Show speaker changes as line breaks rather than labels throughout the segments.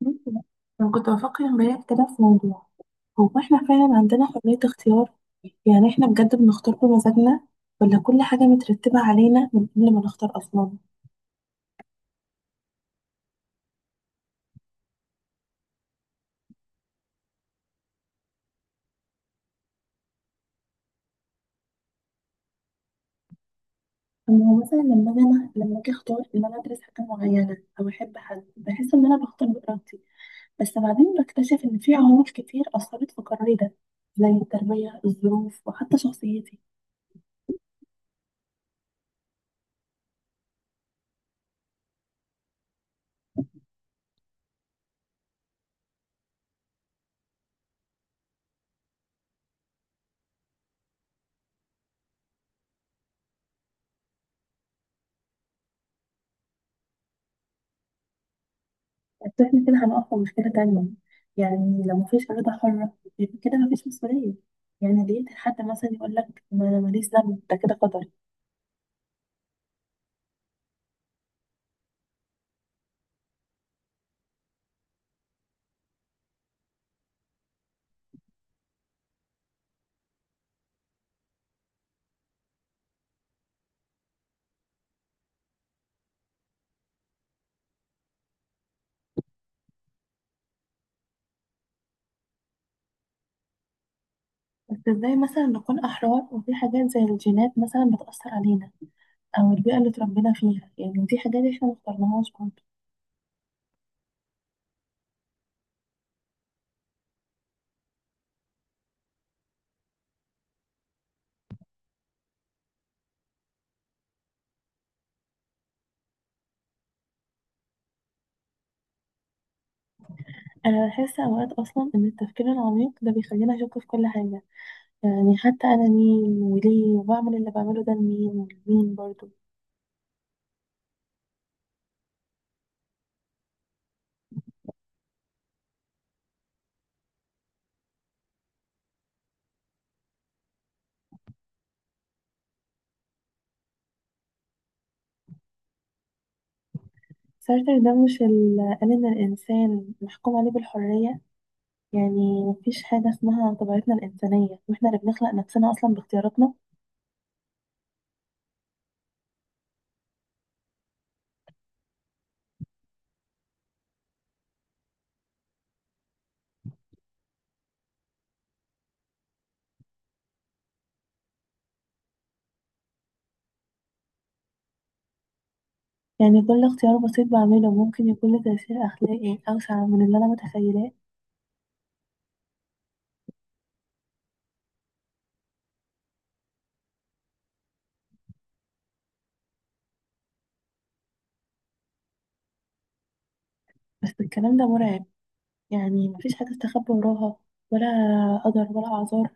ممكن. انا كنت بفكر امبارح كده في موضوع، هو احنا فعلا عندنا حرية اختيار؟ يعني احنا بجد بنختار بمزاجنا، ولا كل حاجة مترتبة علينا من قبل ما نختار اصلا؟ أما هو مثلا لما أجي أختار إن أنا أدرس حاجة معينة أو أحب حد، بحس إن أنا بختار بإرادتي، بس بعدين بكتشف إن في عوامل كتير أثرت في قراري ده، زي التربية الظروف وحتى شخصيتي. بس احنا كده هنقف في مشكلة تانية، يعني لو مفيش إرادة حرة يبقى كده مفيش مسؤولية، يعني ليه حد مثلا يقول لك ما أنا ماليش ذنب ده كده قدر. بس ازاي مثلا نكون أحرار وفي حاجات زي الجينات مثلا بتأثر علينا، أو البيئة اللي اتربينا فيها؟ يعني دي حاجات احنا مختارناهاش برضه. أنا بحس أوقات أصلا إن التفكير العميق ده بيخلينا أشك في كل حاجة، يعني حتى أنا مين وليه وبعمل اللي بعمله ده لمين ولمين برضه. سارتر ده مش قال إن الإنسان محكوم عليه بالحرية؟ يعني مفيش حاجة اسمها طبيعتنا الإنسانية، واحنا اللي بنخلق نفسنا أصلا باختياراتنا. يعني كل اختيار بسيط بعمله ممكن يكون له تأثير أخلاقي أوسع من اللي أنا متخيلاه. بس الكلام ده مرعب، يعني مفيش حاجة استخبى وراها، ولا قدر ولا أعذار.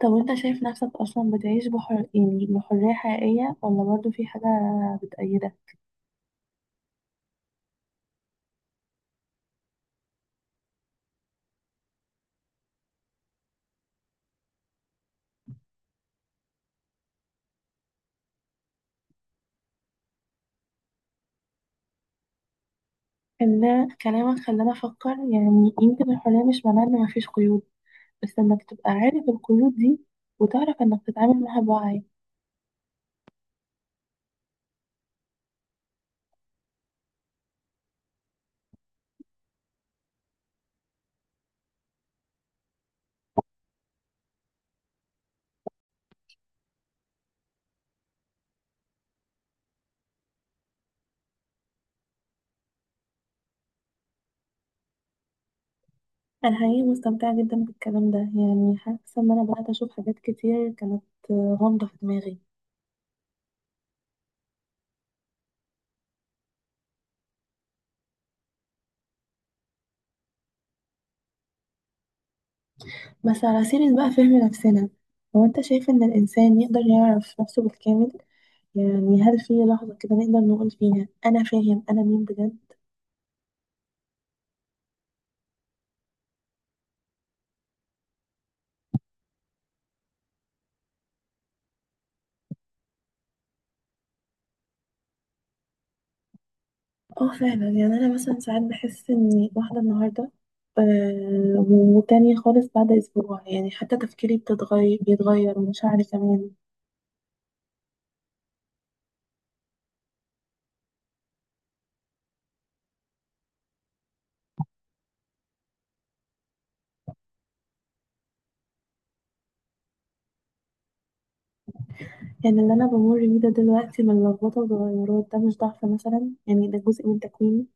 طب وانت شايف نفسك أصلا بتعيش يعني بحرية حقيقية، ولا برضه في حاجة بتأيدك؟ إن كلامك خلاني أفكر، يعني يمكن الحرية مش معناها إن مفيش قيود، بس إنك تبقى عارف القيود دي، وتعرف إنك تتعامل معاها بوعي. انا حقيقي مستمتعه جدا بالكلام ده، يعني حاسه ان انا بدات اشوف حاجات كتير كانت غامضه في دماغي. بس على سيرة بقى فهم نفسنا، هو انت شايف ان الانسان يقدر يعرف نفسه بالكامل؟ يعني هل في لحظه كده نقدر نقول فيها انا فاهم انا مين بجد؟ اه فعلا، يعني انا مثلا ساعات بحس اني واحده النهارده، وتانية خالص بعد اسبوع، يعني حتى تفكيري بيتغير ومشاعري كمان. يعني اللي انا بمر بيه ده دلوقتي من لخبطه وتغيرات ده مش ضعف مثلا؟ يعني ده جزء من تكويني.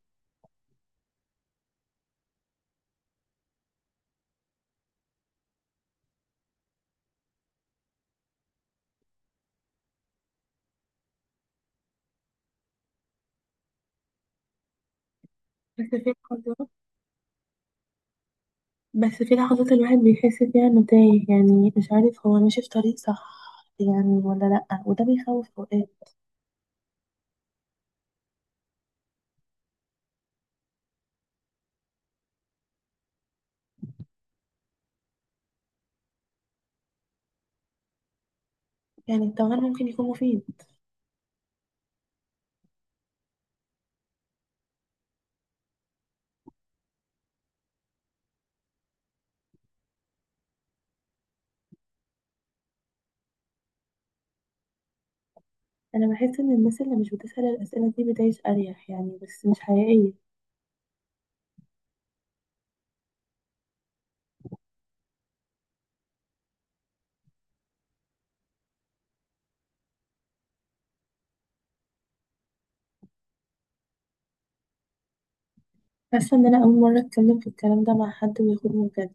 بس في لحظات بس في لحظات الواحد بيحس فيها انه تايه، يعني مش عارف هو ماشي في طريق صح يعني ولا لأ، وده بيخوف اوقات. يعني التوهان ممكن يكون مفيد. انا بحس ان الناس اللي مش بتسأل الأسئلة دي بتعيش اريح يعني، بس مش حقيقية. حاسة ان انا اول مرة اتكلم في الكلام ده مع حد وياخدني بجد.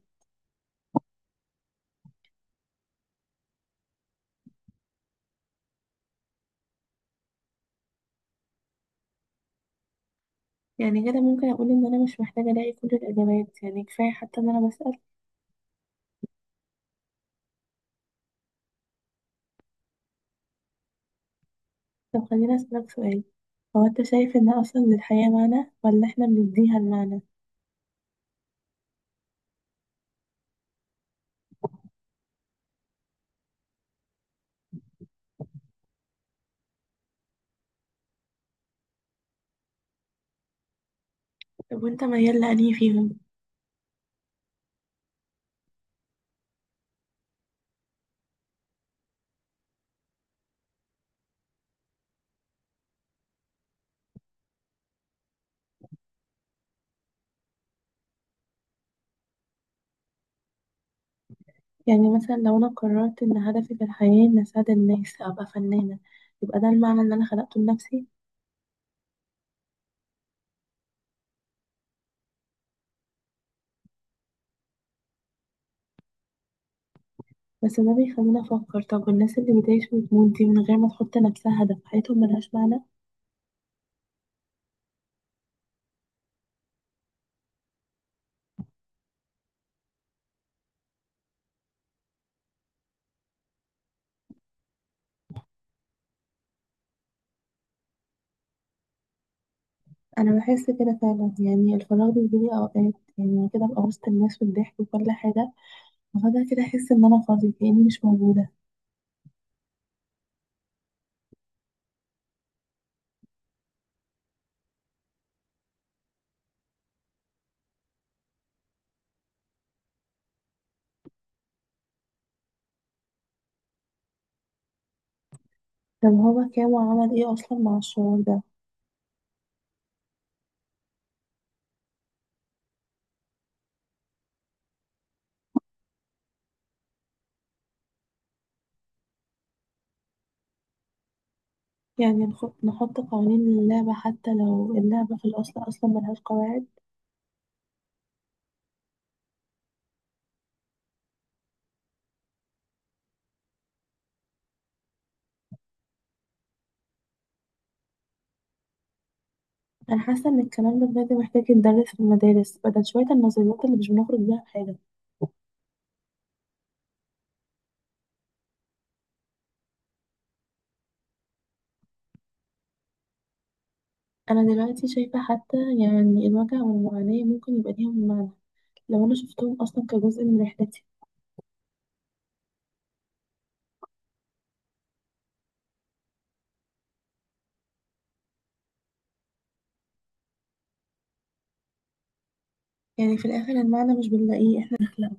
يعني كده ممكن اقول ان انا مش محتاجة الاقي كل الاجابات، يعني كفاية حتى ان انا بسأل. طب خليني أسألك سؤال، هو أنت شايف إن أصلا للحياة معنى، ولا إحنا بنديها المعنى؟ طب وأنت ميال لأنهي فيهم؟ يعني مثلا لو أنا قررت إن هدفي في الحياة إن أساعد الناس أبقى فنانة، يبقى ده المعنى اللي أنا خلقته لنفسي. بس ده بيخليني أفكر، طب والناس اللي بتعيش وتموت دي من غير ما تحط لنفسها هدف، حياتهم ملهاش معنى؟ أنا بحس كده فعلا، يعني الفراغ بيجيلي أوقات، يعني كده أبقى وسط الناس والضحك وكل حاجة، وفجأة كده أحس إن أنا فاضية كأني مش موجودة. طب هو كان وعمل إيه أصلا مع الشعور ده؟ يعني نحط قوانين للعبة حتى لو اللعبة في الأصل أصلا ملهاش قواعد. أنا حاسة إن الكلام ده بجد محتاج يتدرس في المدارس، بدل شوية النظريات اللي مش بنخرج بيها بحاجة. أنا دلوقتي شايفة حتى يعني الوجع والمعاناة ممكن يبقى ليهم معنى، لو أنا شفتهم أصلا كجزء من رحلتي. يعني في الآخر المعنى مش بنلاقيه إحنا